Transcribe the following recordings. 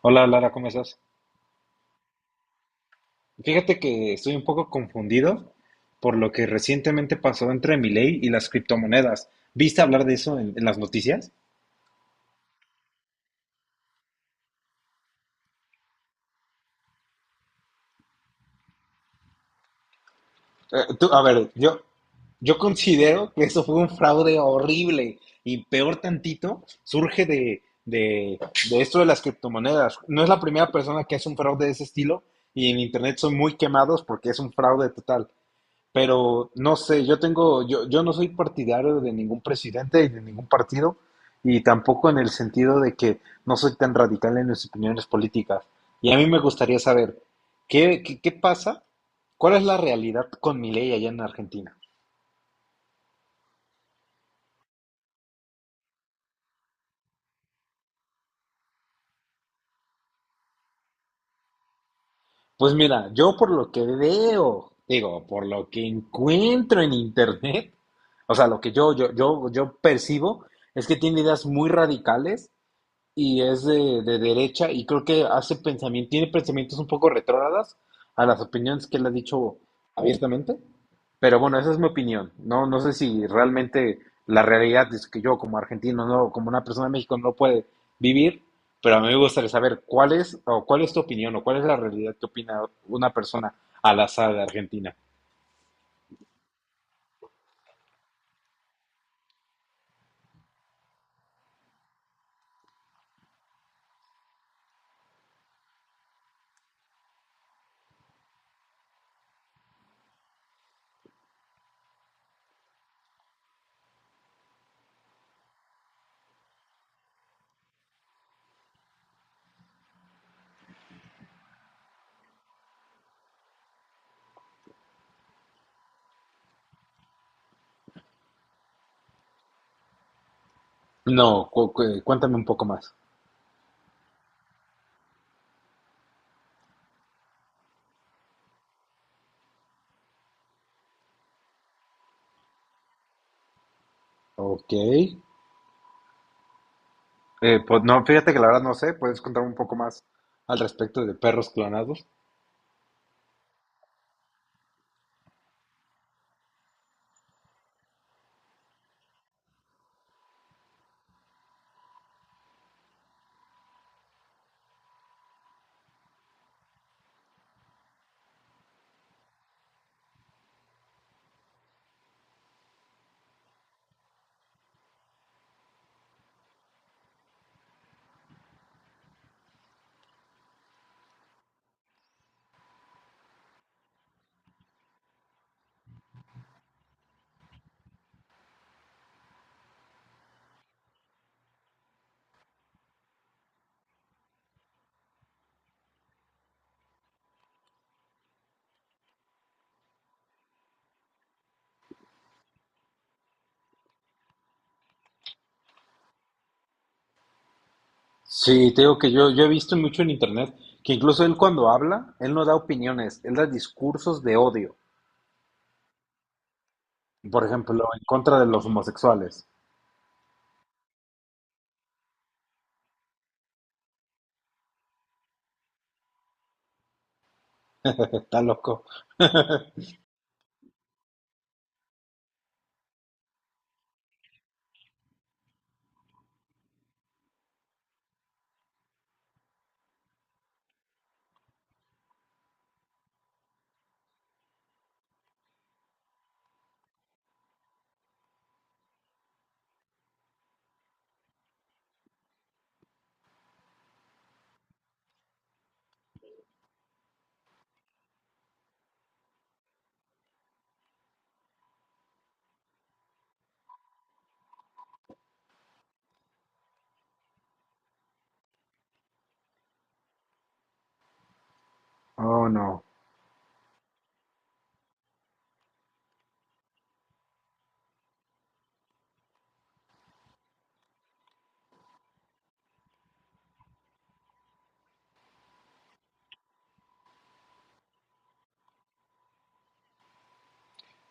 Hola Lara, ¿cómo estás? Fíjate que estoy un poco confundido por lo que recientemente pasó entre Milei y las criptomonedas. ¿Viste hablar de eso en las noticias? Eh, tú- a ver, yo, yo considero que eso fue un fraude horrible y peor tantito surge de esto de las criptomonedas. No es la primera persona que hace un fraude de ese estilo y en internet son muy quemados porque es un fraude total. Pero no sé, yo no soy partidario de ningún presidente y de ningún partido, y tampoco en el sentido de que no soy tan radical en mis opiniones políticas. Y a mí me gustaría saber, ¿ qué pasa? ¿Cuál es la realidad con Milei allá en Argentina? Pues mira, yo por lo que veo, digo, por lo que encuentro en internet, o sea, lo que yo percibo es que tiene ideas muy radicales y es de derecha y creo que hace pensamiento, tiene pensamientos un poco retrógradas a las opiniones que él ha dicho abiertamente. Pero bueno, esa es mi opinión. No, no sé si realmente la realidad es que yo como argentino, no, como una persona de México no puede vivir, pero a mí me gustaría saber cuál es o cuál es tu opinión o cuál es la realidad que opina una persona al azar de Argentina. No, cuéntame un poco más. Ok. Pues no, fíjate que la verdad no sé, puedes contar un poco más al respecto de perros clonados. Sí, te digo que yo he visto mucho en internet que incluso él cuando habla, él no da opiniones, él da discursos de odio. Por ejemplo, en contra de los homosexuales. Está loco. Oh, no.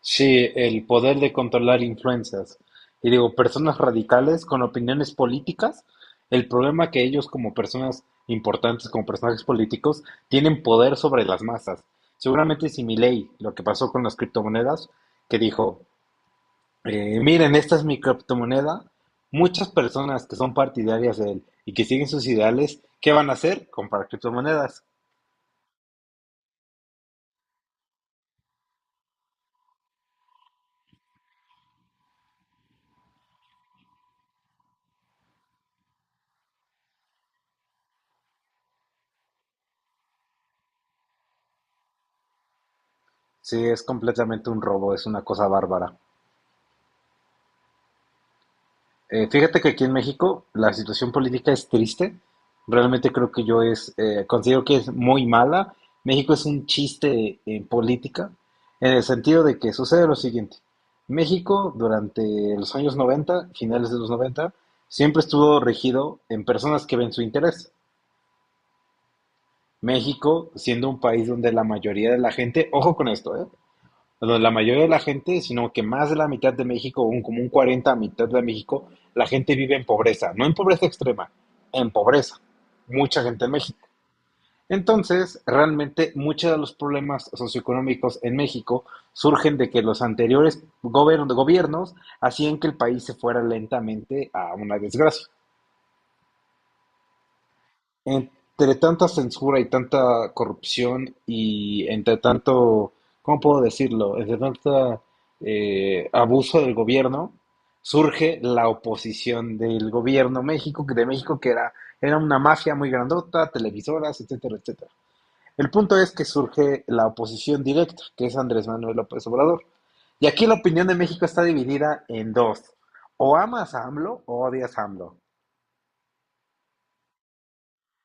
Sí, el poder de controlar influencias. Y digo, personas radicales con opiniones políticas, el problema que ellos como personas importantes, como personajes políticos, tienen poder sobre las masas. Seguramente si Milei, lo que pasó con las criptomonedas, que dijo, miren, esta es mi criptomoneda, muchas personas que son partidarias de él y que siguen sus ideales, ¿qué van a hacer? Comprar criptomonedas. Sí, es completamente un robo, es una cosa bárbara. Fíjate que aquí en México la situación política es triste. Realmente creo que considero que es muy mala. México es un chiste en política, en el sentido de que sucede lo siguiente. México durante los años 90, finales de los 90, siempre estuvo regido en personas que ven su interés. México siendo un país donde la mayoría de la gente, ojo con esto, ¿eh? Bueno, la mayoría de la gente, sino que más de la mitad de México, como un 40 a mitad de México, la gente vive en pobreza, no en pobreza extrema, en pobreza. Mucha gente en México. Entonces, realmente muchos de los problemas socioeconómicos en México surgen de que los anteriores gobiernos hacían que el país se fuera lentamente a una desgracia. Entre tanta censura y tanta corrupción y entre tanto, ¿cómo puedo decirlo? Entre tanto abuso del gobierno, surge la oposición del gobierno México, de México, que era, era una mafia muy grandota, televisoras, etcétera, etcétera. El punto es que surge la oposición directa, que es Andrés Manuel López Obrador. Y aquí la opinión de México está dividida en dos. O amas a AMLO o odias a AMLO.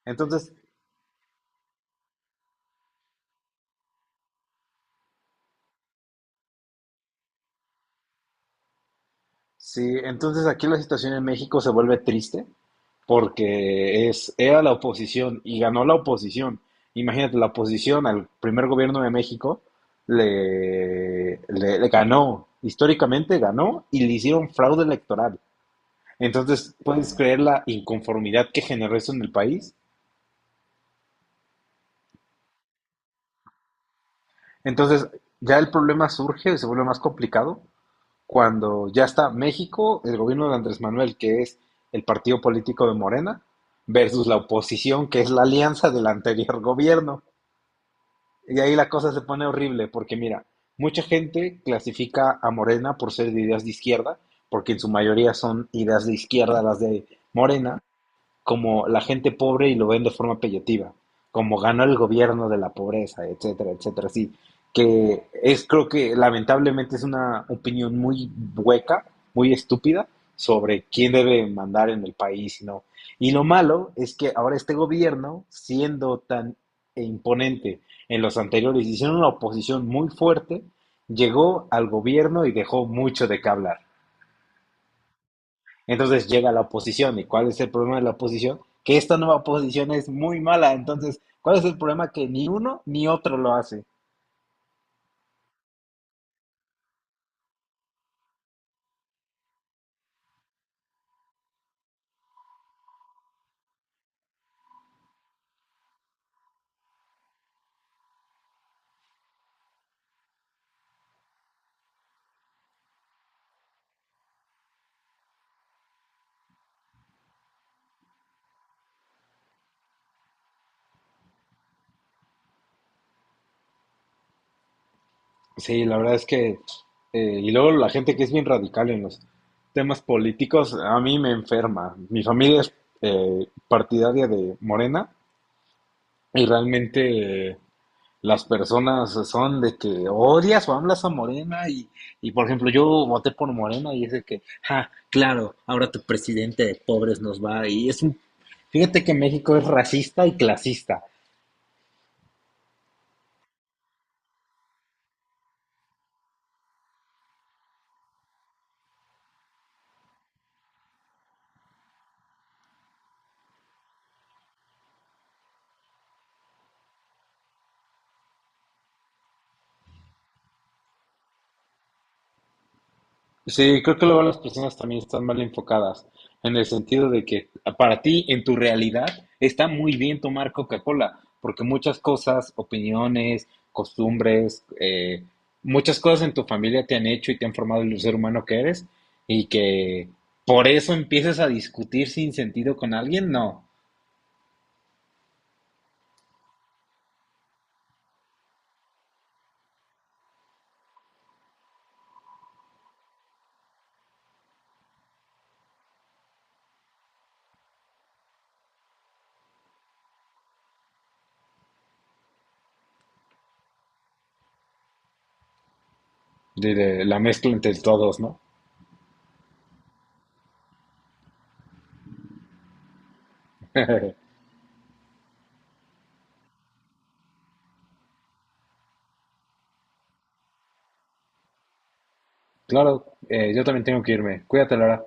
Entonces, sí, entonces aquí la situación en México se vuelve triste porque es, era la oposición y ganó la oposición. Imagínate, la oposición al primer gobierno de México le ganó, históricamente ganó y le hicieron fraude electoral. Entonces, ¿puedes creer la inconformidad que generó eso en el país? Entonces, ya el problema surge, se vuelve más complicado cuando ya está México, el gobierno de Andrés Manuel, que es el partido político de Morena, versus la oposición, que es la alianza del anterior gobierno. Y ahí la cosa se pone horrible, porque mira, mucha gente clasifica a Morena por ser de ideas de izquierda, porque en su mayoría son ideas de izquierda las de Morena, como la gente pobre y lo ven de forma peyotiva, como ganó el gobierno de la pobreza, etcétera, etcétera, sí, que es creo que lamentablemente es una opinión muy hueca, muy estúpida sobre quién debe mandar en el país y no. Y lo malo es que ahora este gobierno, siendo tan imponente en los anteriores, hicieron una oposición muy fuerte, llegó al gobierno y dejó mucho de qué hablar. Entonces llega la oposición. ¿Y cuál es el problema de la oposición? Que esta nueva oposición es muy mala. Entonces, ¿cuál es el problema? Que ni uno ni otro lo hace. Sí, la verdad es que... y luego la gente que es bien radical en los temas políticos, a mí me enferma. Mi familia es partidaria de Morena y realmente... las personas son de que odias o hablas a Morena y, por ejemplo yo voté por Morena y es de que, ja, claro, ahora tu presidente de pobres nos va y es un, fíjate que México es racista y clasista. Sí, creo que luego las personas también están mal enfocadas, en el sentido de que para ti, en tu realidad, está muy bien tomar Coca-Cola, porque muchas cosas, opiniones, costumbres, muchas cosas en tu familia te han hecho y te han formado el ser humano que eres, y que por eso empieces a discutir sin sentido con alguien, no, de la mezcla entre todos, ¿no? Claro, yo también tengo que irme. Cuídate, Laura.